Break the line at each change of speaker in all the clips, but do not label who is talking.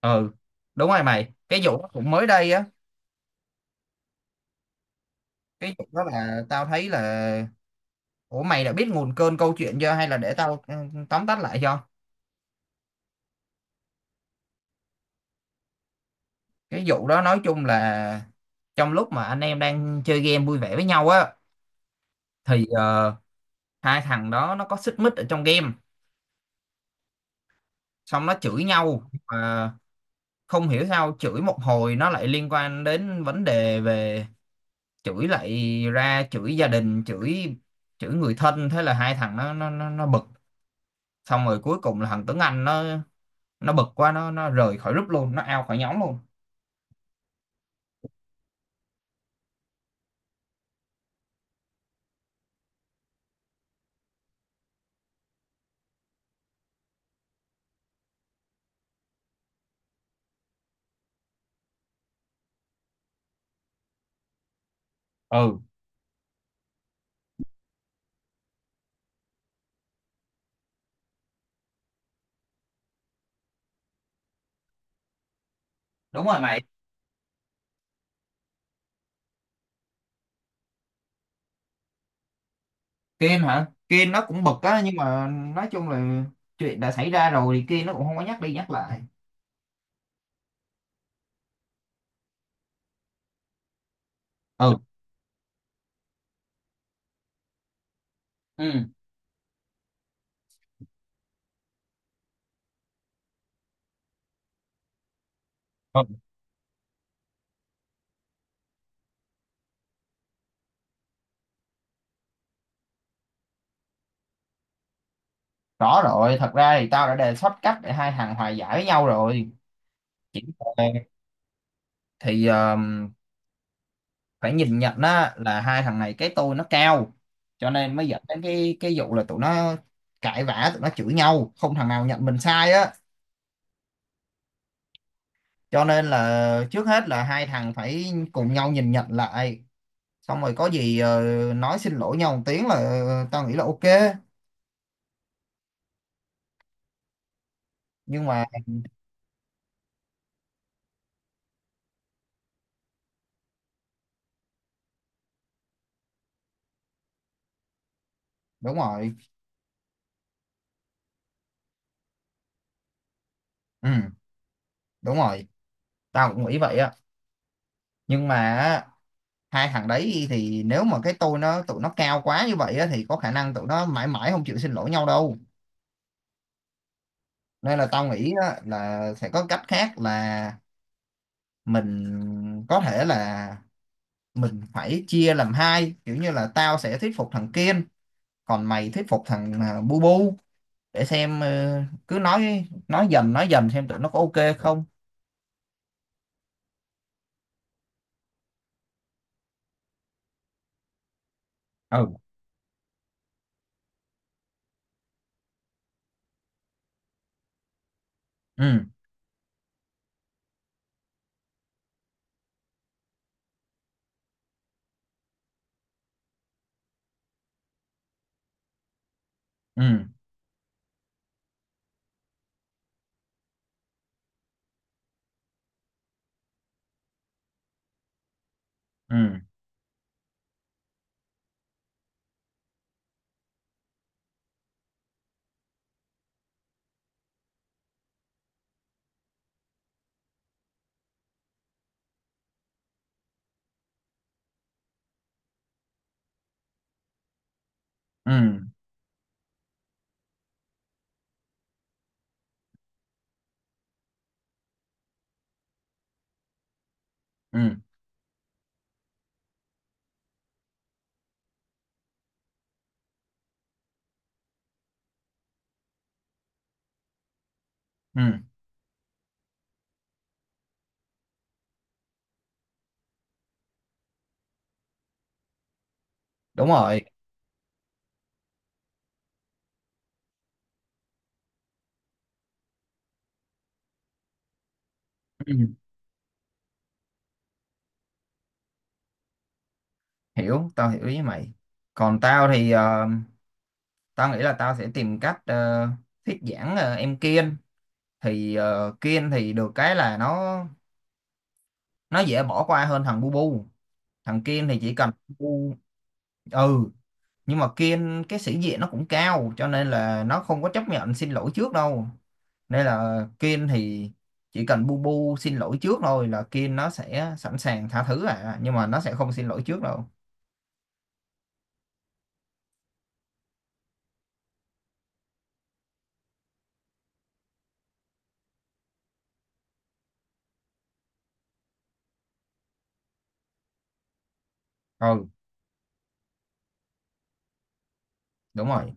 ừ Đúng rồi mày, cái vụ đó cũng mới đây á. Cái vụ đó là tao thấy là, ủa mày đã biết nguồn cơn câu chuyện chưa hay là để tao tóm tắt lại cho. Cái vụ đó nói chung là trong lúc mà anh em đang chơi game vui vẻ với nhau á thì hai thằng đó nó có xích mích ở trong game, xong nó chửi nhau mà không hiểu sao chửi một hồi nó lại liên quan đến vấn đề về chửi, lại ra chửi gia đình, chửi chửi người thân. Thế là hai thằng nó bực, xong rồi cuối cùng là thằng Tuấn Anh nó bực quá nó rời khỏi group luôn, nó out khỏi nhóm luôn. Ừ đúng rồi mày. Kiên hả? Kiên nó cũng bực á, nhưng mà nói chung là chuyện đã xảy ra rồi thì Kiên nó cũng không có nhắc đi nhắc lại. Ừ. Ừ. Ừ, rõ rồi. Thật ra thì tao đã đề xuất cách để hai thằng hòa giải với nhau rồi. Chỉ là- thì phải nhìn nhận á là hai thằng này cái tôi nó cao, cho nên mới dẫn đến cái vụ là tụi nó cãi vã, tụi nó chửi nhau không thằng nào nhận mình sai á. Cho nên là trước hết là hai thằng phải cùng nhau nhìn nhận lại, xong rồi có gì nói xin lỗi nhau một tiếng là, ờ, tao nghĩ là ok. Nhưng mà đúng rồi. Ừ đúng rồi, tao cũng nghĩ vậy á. Nhưng mà á, hai thằng đấy thì nếu mà cái tôi nó tụi nó cao quá như vậy á thì có khả năng tụi nó mãi mãi không chịu xin lỗi nhau đâu. Nên là tao nghĩ á, là sẽ có cách khác là mình có thể là mình phải chia làm hai, kiểu như là tao sẽ thuyết phục thằng kiên, còn mày thuyết phục thằng bu bu, để xem cứ nói dần xem tụi nó có ok không. Ừ. Ừ. Ừ. Ừ. Ừ. Ừ. Ừ đúng rồi. Ừ. Hiểu, tao hiểu ý mày. Còn tao thì tao nghĩ là tao sẽ tìm cách thuyết giảng, ờ, em Kiên. Thì ờ, Kiên thì được cái là nó dễ bỏ qua hơn thằng bu bu. Thằng Kiên thì chỉ cần bu. Ừ. Nhưng mà Kiên cái sĩ diện nó cũng cao cho nên là nó không có chấp nhận xin lỗi trước đâu. Nên là Kiên thì chỉ cần bu bu xin lỗi trước thôi là Kiên nó sẽ sẵn sàng tha thứ. À nhưng mà nó sẽ không xin lỗi trước đâu. Ừ đúng rồi.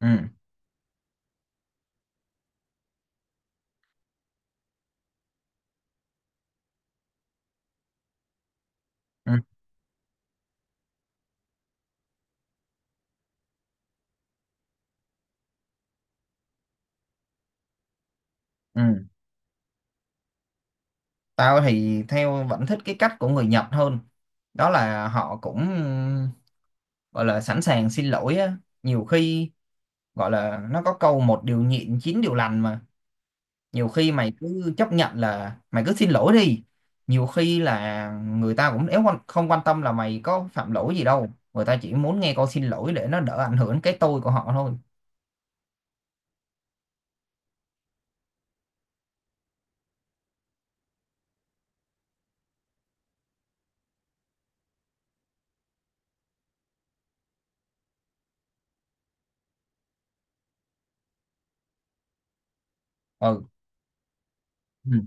Ừ. Ừ. Ừ. Tao thì theo vẫn thích cái cách của người Nhật hơn. Đó là họ cũng gọi là sẵn sàng xin lỗi á, nhiều khi gọi là, nó có câu một điều nhịn chín điều lành mà, nhiều khi mày cứ chấp nhận là mày cứ xin lỗi đi. Nhiều khi là người ta cũng, nếu quan- không quan tâm là mày có phạm lỗi gì đâu, người ta chỉ muốn nghe câu xin lỗi để nó đỡ ảnh hưởng cái tôi của họ thôi. Ừ. Ừ.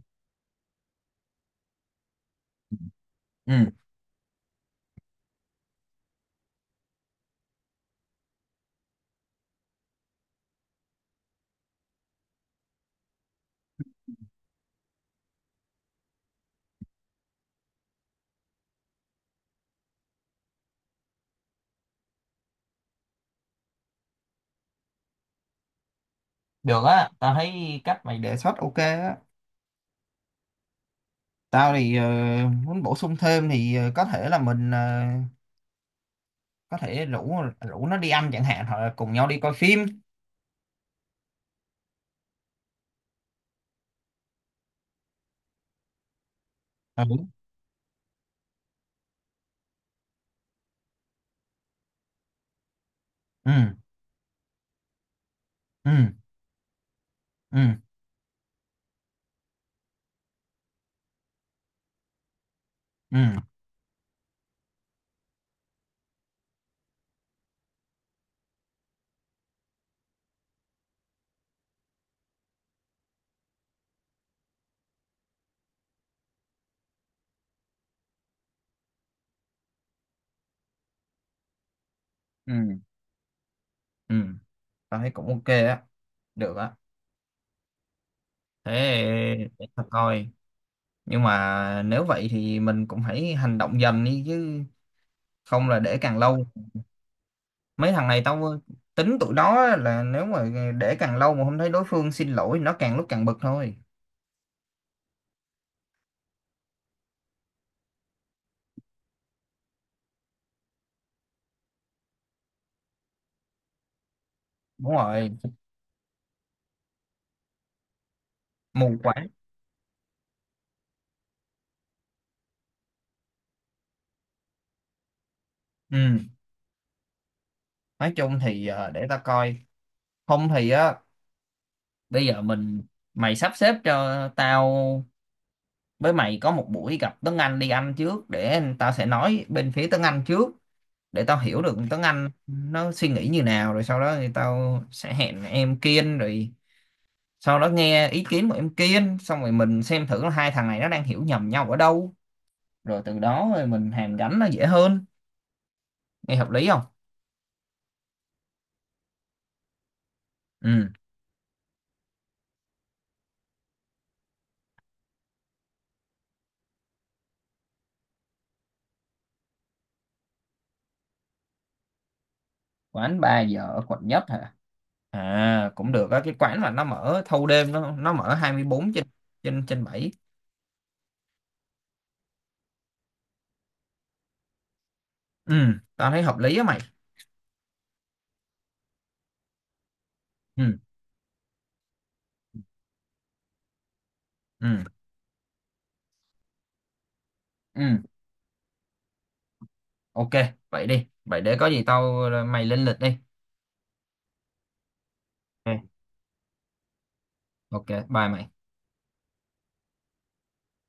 Ừ. Được á, tao thấy cách mày đề xuất ok á. Tao thì muốn bổ sung thêm thì có thể là mình, ờ, có thể rủ rủ nó đi ăn chẳng hạn, hoặc là cùng nhau đi coi phim. Ừ. Ừ. Ừ. Ừ. Ừ. Ừ. Ừ, tao thấy cũng ok á, được á. Thế để tao coi. Nhưng mà nếu vậy thì mình cũng hãy hành động dần đi chứ, không là để càng lâu, mấy thằng này tao tính tụi đó là nếu mà để càng lâu mà không thấy đối phương xin lỗi nó càng lúc càng bực thôi. Đúng rồi. Mù quáng. Ừ, nói chung thì, ờ, để tao coi. Không thì á, bây giờ mình, mày sắp xếp cho tao với mày có một buổi gặp Tuấn Anh đi ăn trước, để tao sẽ nói bên phía Tuấn Anh trước, để tao hiểu được tiếng Anh nó suy nghĩ như nào, rồi sau đó thì tao sẽ hẹn em Kiên, rồi sau đó nghe ý kiến của em Kiên xong rồi mình xem thử là hai thằng này nó đang hiểu nhầm nhau ở đâu, rồi từ đó rồi mình hàn gắn nó dễ hơn. Nghe hợp lý không? Ừ. Quán ba giờ ở quận nhất hả? À cũng được á, cái quán mà nó mở thâu đêm, nó mở 24 trên trên trên bảy. Ừ, tao thấy hợp lý á mày. Ừ. Ừ. Ừ. Ok. Vậy đi, vậy để có gì tao mày lên lịch đi. Ok, ok, bye mày.